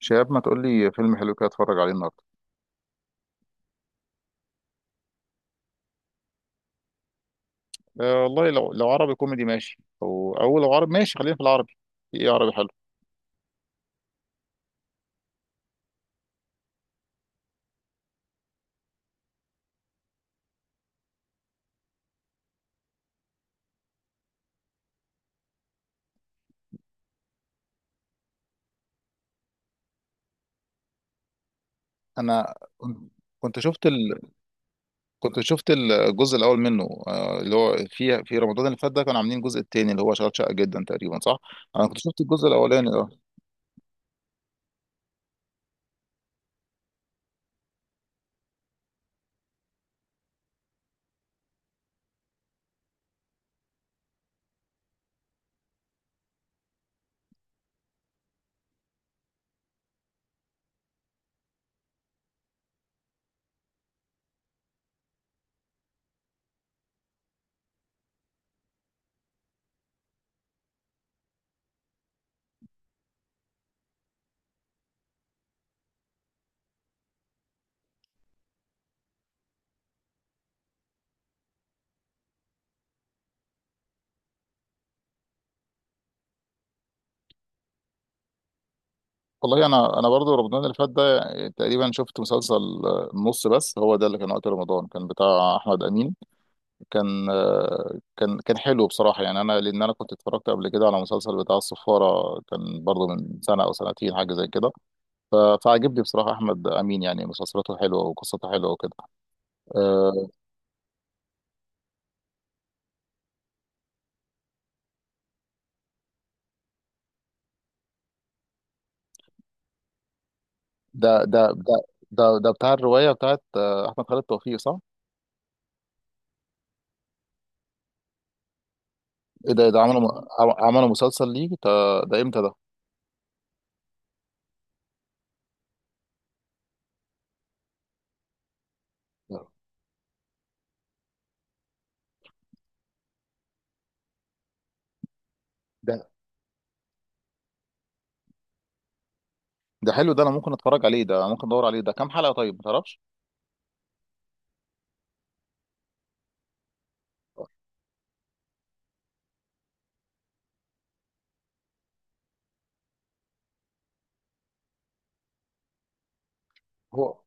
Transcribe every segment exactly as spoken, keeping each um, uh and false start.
شهاب، ما تقول لي فيلم حلو كده اتفرج عليه النهارده؟ أه والله لو لو عربي كوميدي ماشي. او او لو عربي ماشي، خلينا في العربي. في ايه عربي حلو؟ انا كن- كنت شفت ال... كنت شفت الجزء الاول منه، آه، اللي هو في في رمضان اللي فات ده كانوا عاملين الجزء التاني اللي هو شغال شقه جدا تقريبا، صح. انا كنت شفت الجزء الاولاني ده. والله انا انا برضو رمضان اللي فات ده، آه، تقريبا شفت مسلسل، آه، نص. بس هو ده اللي كان وقت رمضان كان بتاع احمد امين. كان آه، كان كان حلو بصراحة. يعني أنا، لأن أنا كنت اتفرجت قبل كده على مسلسل بتاع الصفارة، كان برضه من سنة أو سنتين حاجة زي كده. ف- فعجبني بصراحة أحمد أمين، يعني مسلسلاته حلوة وقصته حلوة وكده. آه، ده ده ده ده ده بتاع الرواية بتاعت، آه، أحمد خالد توفيق، صح؟ إيه، ده ده عملوا عملوا مسلسل ليه؟ ده ده إمتى ده؟ ده ده حلو ده. أنا ممكن أتفرج عليه، ده ممكن أدور عليه. ده كام حلقة طيب، ما تعرفش؟ هو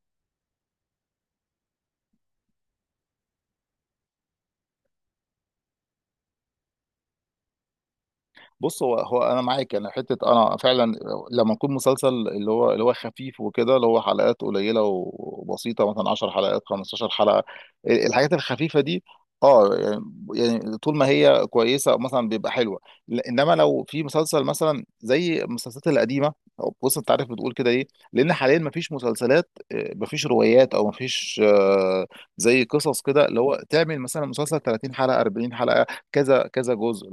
بص هو هو انا معاك، انا حته انا فعلا لما يكون مسلسل اللي هو اللي هو خفيف وكده، اللي هو حلقات قليله وبسيطه مثلا 10 حلقات، 15 حلقه، الحاجات الخفيفه دي. اه يعني، يعني طول ما هي كويسه مثلا بيبقى حلوه. ل- انما لو في مسلسل مثلا زي المسلسلات القديمه، أو بص، انت عارف بتقول كده ليه؟ لان حاليا مفيش مسلسلات، آه، مفيش روايات، او مفيش آه، زي قصص كده اللي هو تعمل مثلا مسلسل 30 حلقه، 40 حلقه، كذا كذا جزء.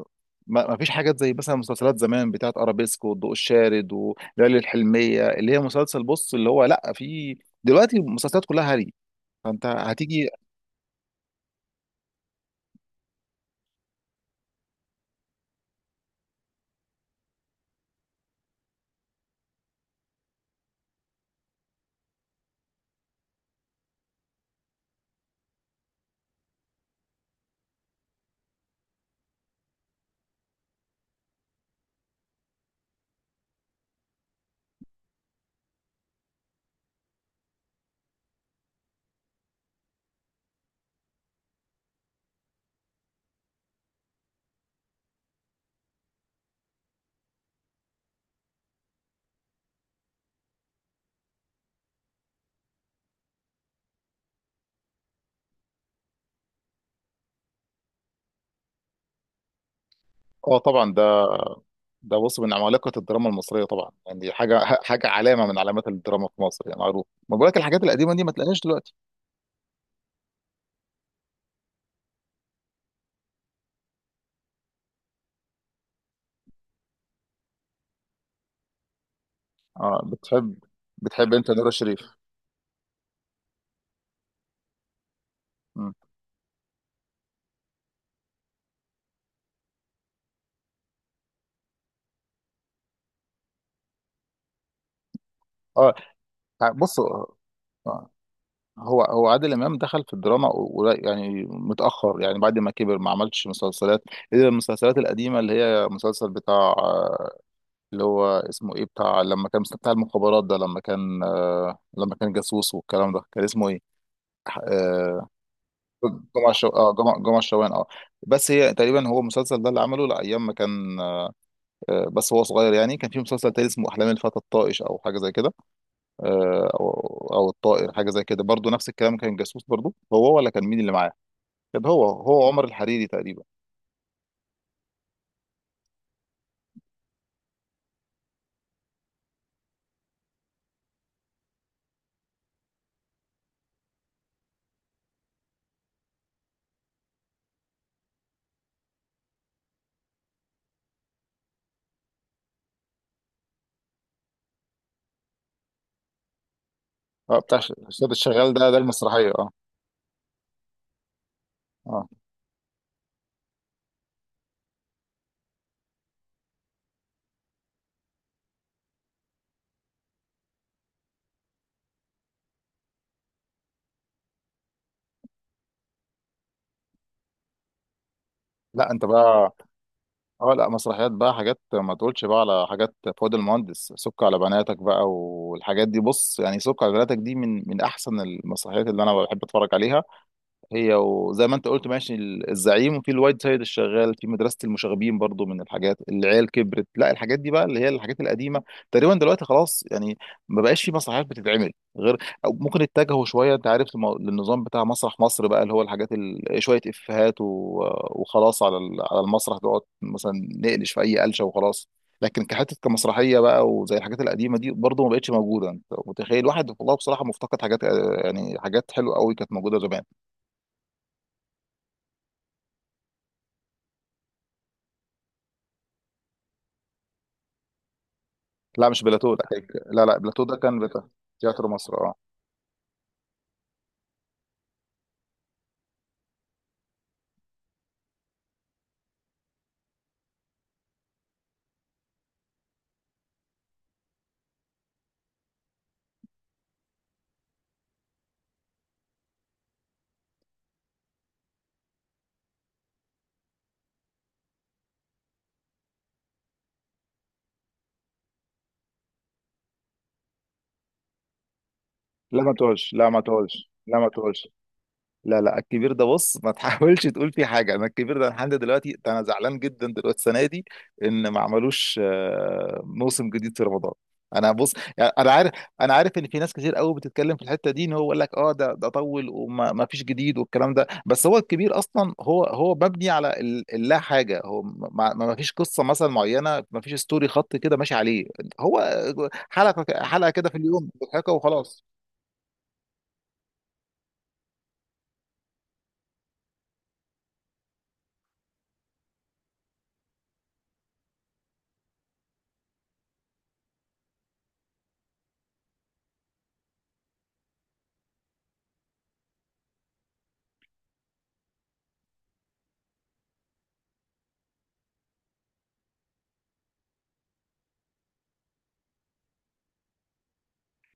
ما ما فيش حاجات زي مثلا مسلسلات زمان بتاعت ارابيسكو والضوء الشارد وليالي الحلميه، اللي هي مسلسل، بص، اللي هو لا. في دلوقتي المسلسلات كلها هري، فانت هتيجي. اه طبعا، ده ده بص من عمالقه الدراما المصريه طبعا، يعني دي حاجه حاجه علامه من علامات الدراما في مصر. يعني معروف، ما بقولك الحاجات القديمه دي ما تلاقيهاش دلوقتي. اه، بتحب بتحب انت نور الشريف؟ مم. اه، بص، آه، آه. هو هو عادل امام دخل في الدراما، و- و- يعني متاخر، يعني بعد ما كبر ما عملش مسلسلات، الا المسلسلات القديمه اللي هي مسلسل بتاع، آه، اللي هو اسمه ايه، بتاع لما كان بتاع المخابرات ده، لما كان، آه، لما كان جاسوس والكلام ده، كان اسمه ايه؟ آه، جمعة الشو... اه جمعة جمعة الشوان، اه. بس هي تقريبا هو المسلسل ده اللي عمله لايام ما كان، آه، بس هو صغير. يعني كان في مسلسل تاني اسمه احلام الفتى الطائش، او حاجه زي كده، آه، او او الطائر، حاجه زي كده برضو، نفس الكلام كان جاسوس برضو هو، ولا كان مين اللي معاه؟ كان هو هو عمر الحريري تقريبا. اه، بتاع، ش- الاستاذ الشغال، ده ده المسرحيه، اه. اه، لا، انت بقى. اه، لا، مسرحيات بقى، حاجات ما تقولش بقى على حاجات فؤاد المهندس. سك على بناتك بقى والحاجات دي، بص، يعني سك على بناتك دي من من احسن المسرحيات اللي انا بحب اتفرج عليها. هي وزي ما انت قلت ماشي، ال- الزعيم، وفي الوايد سايد الشغال، في مدرسة المشاغبين برضو من الحاجات. العيال كبرت، لا، الحاجات دي بقى اللي هي الحاجات القديمة تقريبا دلوقتي خلاص يعني، ما بقاش في مسرحيات بتتعمل، غير، أو ممكن اتجهوا شوية، انت عارف، للمو- للنظام بتاع مسرح مصر بقى، اللي هو الحاجات ال... شوية افيهات و... وخلاص على ال- على المسرح، نقعد مثلا نقلش في اي قلشة وخلاص. لكن كحتة كمسرحية بقى، وزي الحاجات القديمة دي برضو ما بقتش موجودة. انت متخيل واحد؟ والله بصراحة مفتقد حاجات، آه، يعني حاجات حلوة قوي كانت موجودة زمان. لا، مش بلاتو، لا، هيك- لا، لا، بلاتو ده كان بتاع تياترو مصر. اه. لا ما تقولش، لا ما تقولش، لا ما تقولش، لا، لا. الكبير ده بص ما تحاولش تقول فيه حاجه. انا الكبير ده لحد دلوقتي، ده انا زعلان جدا دلوقتي السنه دي ان ما عملوش، آه، موسم جديد في رمضان. انا بص، يعني انا عارف، انا عارف ان في ناس كتير قوي بتتكلم في الحته دي، ان هو يقول لك اه ده ده طول، وما ما فيش جديد والكلام ده. بس هو الكبير اصلا هو هو مبني على ال- اللا حاجه. هو ما, ما ما فيش قصه مثلا معينه، ما فيش ستوري، خط كده ماشي عليه. هو حلقه حلقه كده في اليوم مضحكه وخلاص.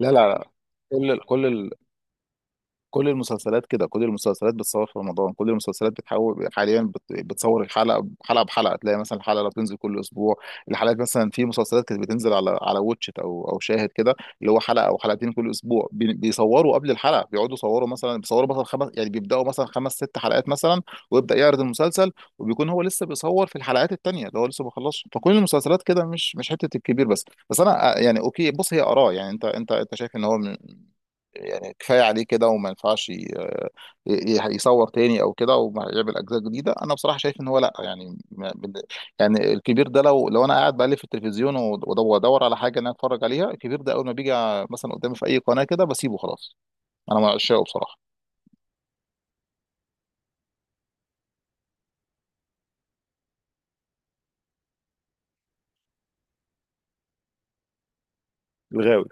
لا، لا، لا، كل كل كل المسلسلات كده. كل المسلسلات بتصور في رمضان. كل المسلسلات بتحاول حاليا بت- بتصور الحلقه حلقه بحلقه. تلاقي مثلا الحلقه لو بتنزل كل اسبوع، الحلقات مثلا في مسلسلات كانت بتنزل على على واتشت او او شاهد كده، اللي هو حلقه او حلقتين كل اسبوع، بي- بيصوروا قبل الحلقه، بيقعدوا يصوروا مثلا، بيصوروا مثلا خمس يعني، بيبداوا مثلا خمس ست حلقات مثلا، ويبدا يعرض المسلسل، وبيكون هو لسه بيصور في الحلقات التانيه اللي هو لسه ما خلصش. فكل المسلسلات كده، مش مش حته الكبير بس بس انا، آه، يعني اوكي، بص، هي اراء. يعني انت انت انت شايف ان هو يعني كفايه عليه كده وما ينفعش ي- آه، ي- يصور تاني او كده وما يعمل اجزاء جديده. انا بصراحه شايف ان هو لا. يعني ما- بال- يعني الكبير ده لو لو انا قاعد بقلب في التلفزيون ود- وادور على حاجه ان انا اتفرج عليها، الكبير ده اول ما بيجي مثلا قدامي في اي قناه كده بسيبه خلاص. انا من عشاقه بصراحه. الغاوي.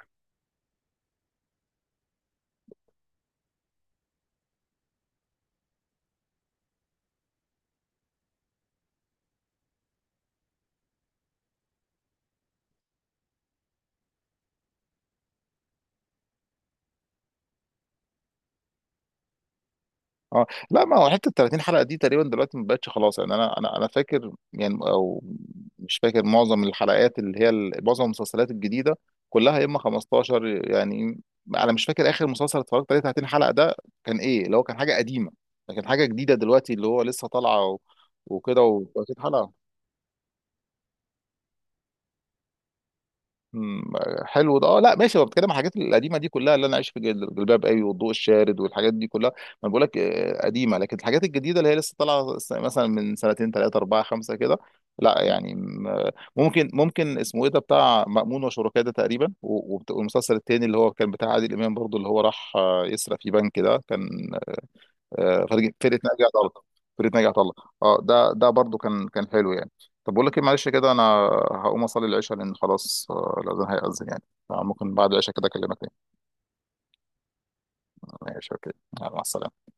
اه، لا، ما هو حته 30 حلقه دي تقريبا دلوقتي ما بقتش خلاص يعني. انا انا انا فاكر، يعني، او مش فاكر معظم الحلقات اللي هي ال- معظم المسلسلات الجديده كلها يا اما خمستاشر يعني. انا مش فاكر اخر مسلسل اتفرجت عليه 30 حلقه ده كان ايه، اللي هو كان حاجه قديمه، لكن حاجه جديده دلوقتي اللي هو لسه طالعه و- وكده و30 حلقه. مم، حلو ده. اه لا ماشي، هو بتكلم عن الحاجات القديمه دي كلها، اللي انا عايش في جل- جلباب قوي والضوء الشارد والحاجات دي كلها، ما بقول لك، آه، قديمه، لكن الحاجات الجديده اللي هي لسه طالعه س- مثلا من سنتين ثلاثه اربعه خمسه كده، لا يعني م- ممكن ممكن اسمه ايه ده بتاع مأمون وشركاه ده تقريبا، و- وبت- والمسلسل التاني اللي هو كان بتاع عادل امام برضو اللي هو راح، آه، يسرق في بنك ده كان، آه، فريق فرقه ناجي عطا الله، فرقه ناجي عطا الله. اه، ده ده برضو كان كان حلو يعني. طب بقول لك ايه، معلش كده انا هقوم اصلي العشاء لان خلاص، آه، الاذان هيأذن يعني. فممكن بعد العشاء كده اكلمك تاني. ماشي، اوكي. يلا، مع السلامه.